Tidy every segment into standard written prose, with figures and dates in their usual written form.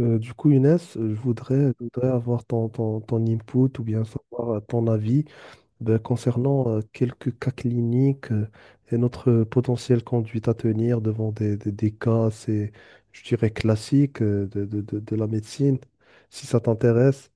Younes, je voudrais avoir ton input ou bien savoir ton avis concernant quelques cas cliniques et notre potentielle conduite à tenir devant des cas assez, je dirais, classiques de la médecine. Si ça t'intéresse,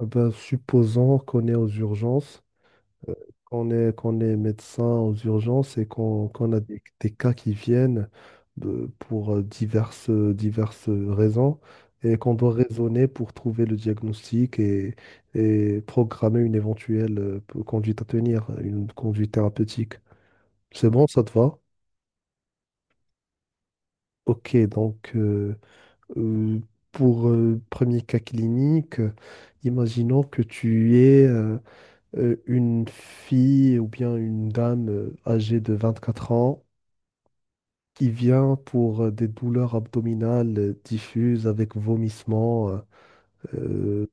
supposons qu'on est aux urgences qu'on est médecin aux urgences et qu'on a des cas qui viennent pour diverses raisons et qu'on doit raisonner pour trouver le diagnostic et programmer une éventuelle conduite à tenir, une conduite thérapeutique. C'est bon, ça te va? Ok, donc euh, euh, pour premier cas clinique, imaginons que tu es une fille ou bien une dame âgée de 24 ans qui vient pour des douleurs abdominales diffuses avec vomissements, euh,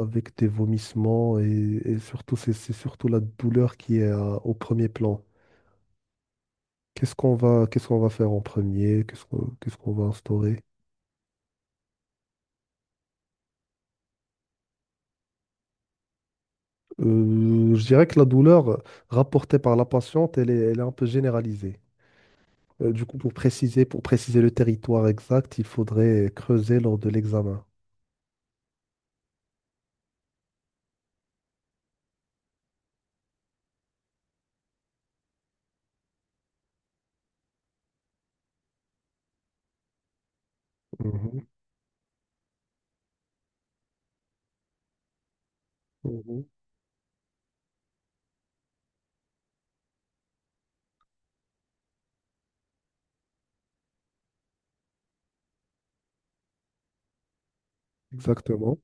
avec des vomissements et surtout c'est surtout la douleur qui est au premier plan. Qu'est-ce qu'on va faire en premier? Qu'est-ce qu'on va instaurer? Je dirais que la douleur rapportée par la patiente, elle est un peu généralisée. Pour préciser le territoire exact, il faudrait creuser lors de l'examen. Mhm, mhm, exactement.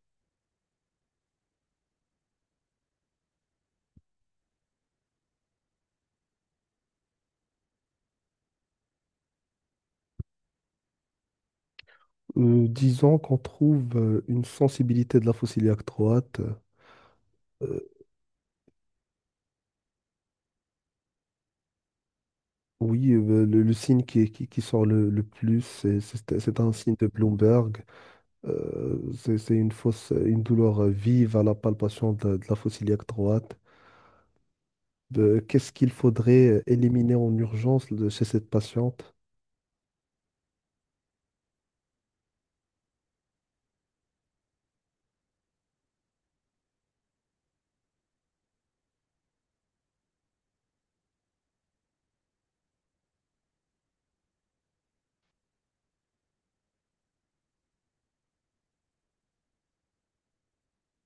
Disons qu'on trouve une sensibilité de la fossile droite. Euh, oui, le signe qui qui, sort le plus, c'est un signe de Bloomberg. C'est une fausse, une douleur vive à la palpation de la fossile droite. Qu'est-ce qu'il faudrait éliminer en urgence chez cette patiente?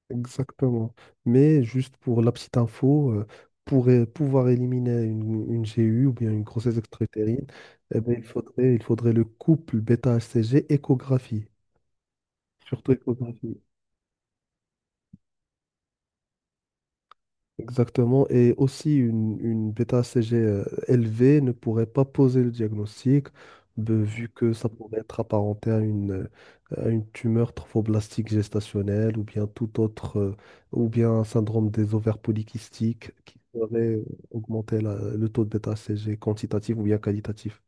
Exactement. Mais juste pour la petite info, pour pouvoir éliminer une GU ou bien une grossesse extra-utérine, eh ben, il faudrait le couple bêta-HCG échographie, surtout échographie. Exactement. Et aussi, une bêta-HCG élevée ne pourrait pas poser le diagnostic, ben, vu que ça pourrait être apparenté à à une tumeur trophoblastique gestationnelle ou bien tout autre, ou bien un syndrome des ovaires polykystiques qui pourrait augmenter le taux de bêta-HCG quantitatif ou bien qualitatif.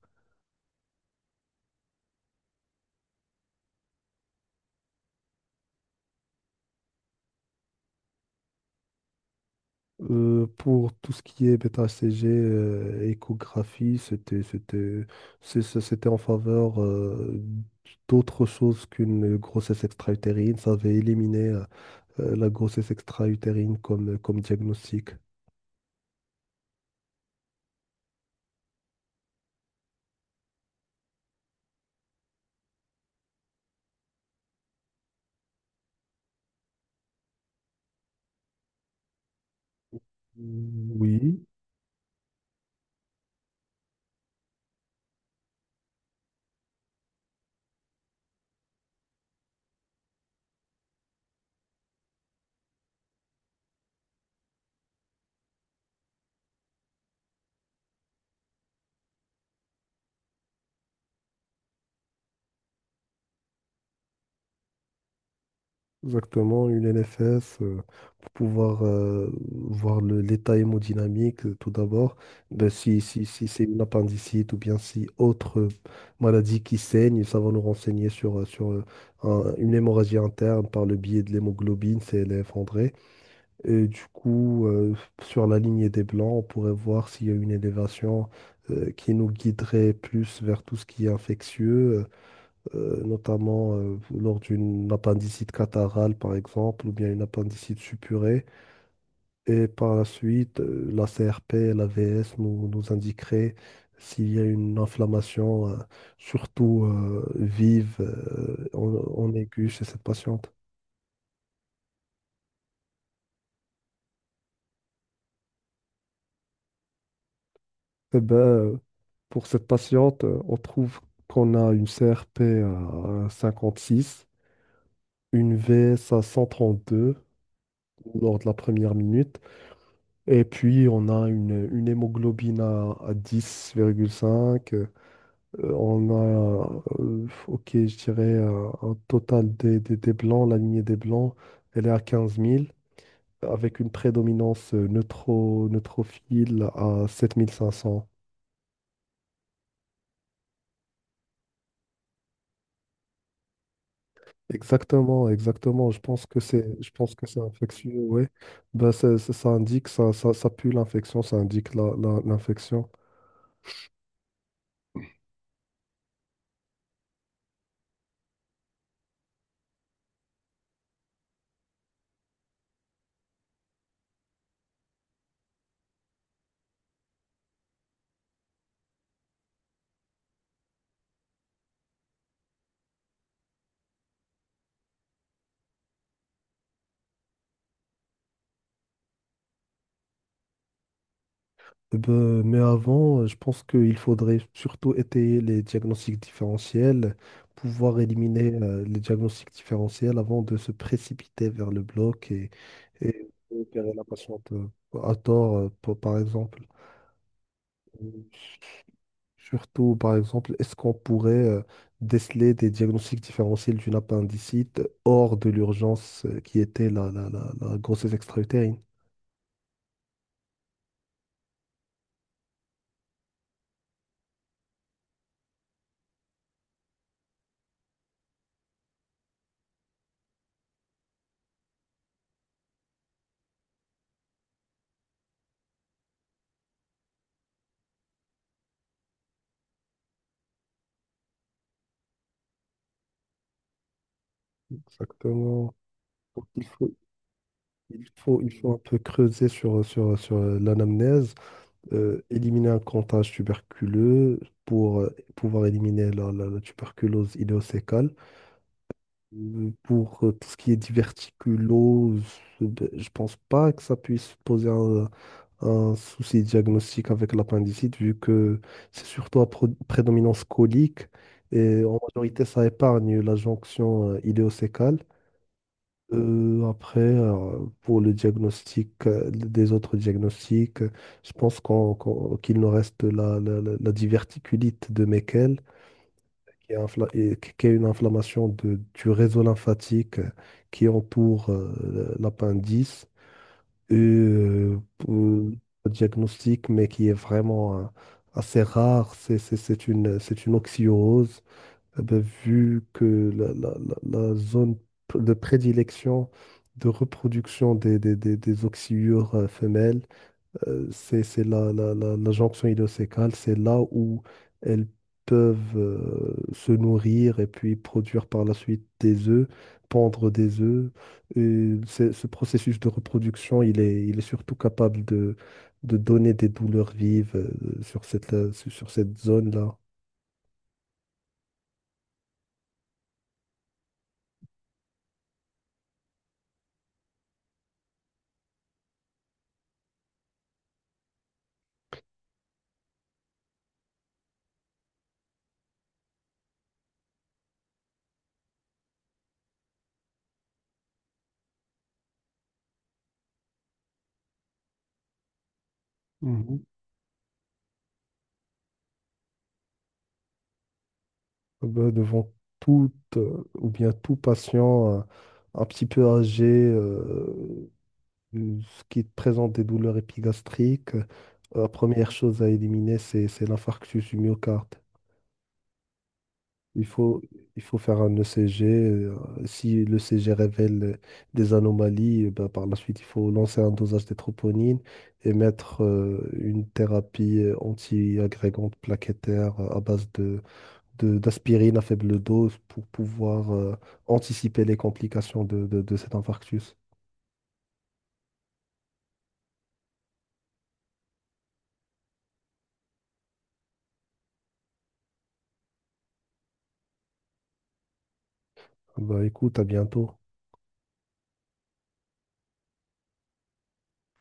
Pour tout ce qui est bêta-HCG, échographie, c'était en faveur d'autre chose qu'une grossesse extra-utérine. Ça avait éliminé la grossesse extra-utérine comme diagnostic. Oui, exactement, une NFS pour pouvoir voir l'état hémodynamique tout d'abord. Ben, si c'est une appendicite ou bien si autre maladie qui saigne, ça va nous renseigner sur une hémorragie interne par le biais de l'hémoglobine, c'est elle est effondrée. Et sur la lignée des blancs, on pourrait voir s'il y a une élévation qui nous guiderait plus vers tout ce qui est infectieux notamment lors d'une appendicite catarrhale, par exemple, ou bien une appendicite suppurée. Et par la suite, la CRP et la VS nous indiqueraient s'il y a une inflammation, surtout vive, en aiguë chez cette patiente. Eh ben, euh, pour cette patiente, on trouve qu'on a une CRP à 56, une VS à 132 lors de la première minute. Et puis, on a une hémoglobine à 10,5. On a, ok, je dirais, un total des blancs, la lignée des blancs, elle est à 15 000, avec une prédominance neutrophile à 7 500. Exactement, exactement. Je pense que c'est, je pense que c'est infectieux, ouais. Ben, ça indique, ça pue l'infection, ça indique l'infection. Eh ben, mais avant, je pense qu'il faudrait surtout étayer les diagnostics différentiels, pouvoir éliminer les diagnostics différentiels avant de se précipiter vers le bloc et opérer la patiente à tort, par par exemple. Surtout, par exemple, est-ce qu'on pourrait déceler des diagnostics différentiels d'une appendicite hors de l'urgence qui était la grossesse extra-utérine? Exactement. Donc, il faut un peu creuser sur l'anamnèse, éliminer un comptage tuberculeux pour pouvoir éliminer la tuberculose idéocécale. Pour tout ce qui est diverticulose, ben, je pense pas que ça puisse poser un souci diagnostique avec l'appendicite, vu que c'est surtout à prédominance colique et en majorité ça épargne la jonction idéocécale. Pour le diagnostic, des autres diagnostics, je pense qu'il nous reste la diverticulite de Meckel, qui est une inflammation du réseau lymphatique qui entoure l'appendice. Et pour le diagnostic, mais qui est vraiment assez rare, c'est c'est une oxyurose. Eh ben, vu que la zone de prédilection de reproduction des oxyures femelles, c'est la jonction idéocécale, c'est là où elles peuvent se nourrir et puis produire par la suite des œufs, pondre des œufs. Et ce processus de reproduction, il est surtout capable de donner des douleurs vives sur cette zone-là. Ben, devant toute ou bien tout patient un petit peu âgé euh, qui présente des douleurs épigastriques, la première chose à éliminer, c'est l'infarctus du myocarde. Il faut, il faut faire un ECG. Si le CG révèle des anomalies, eh ben, par la suite, il faut lancer un dosage des troponines et mettre une thérapie anti-agrégante plaquettaire à base de d'aspirine à faible dose pour pouvoir anticiper les complications de cet infarctus. Bah écoute, à bientôt.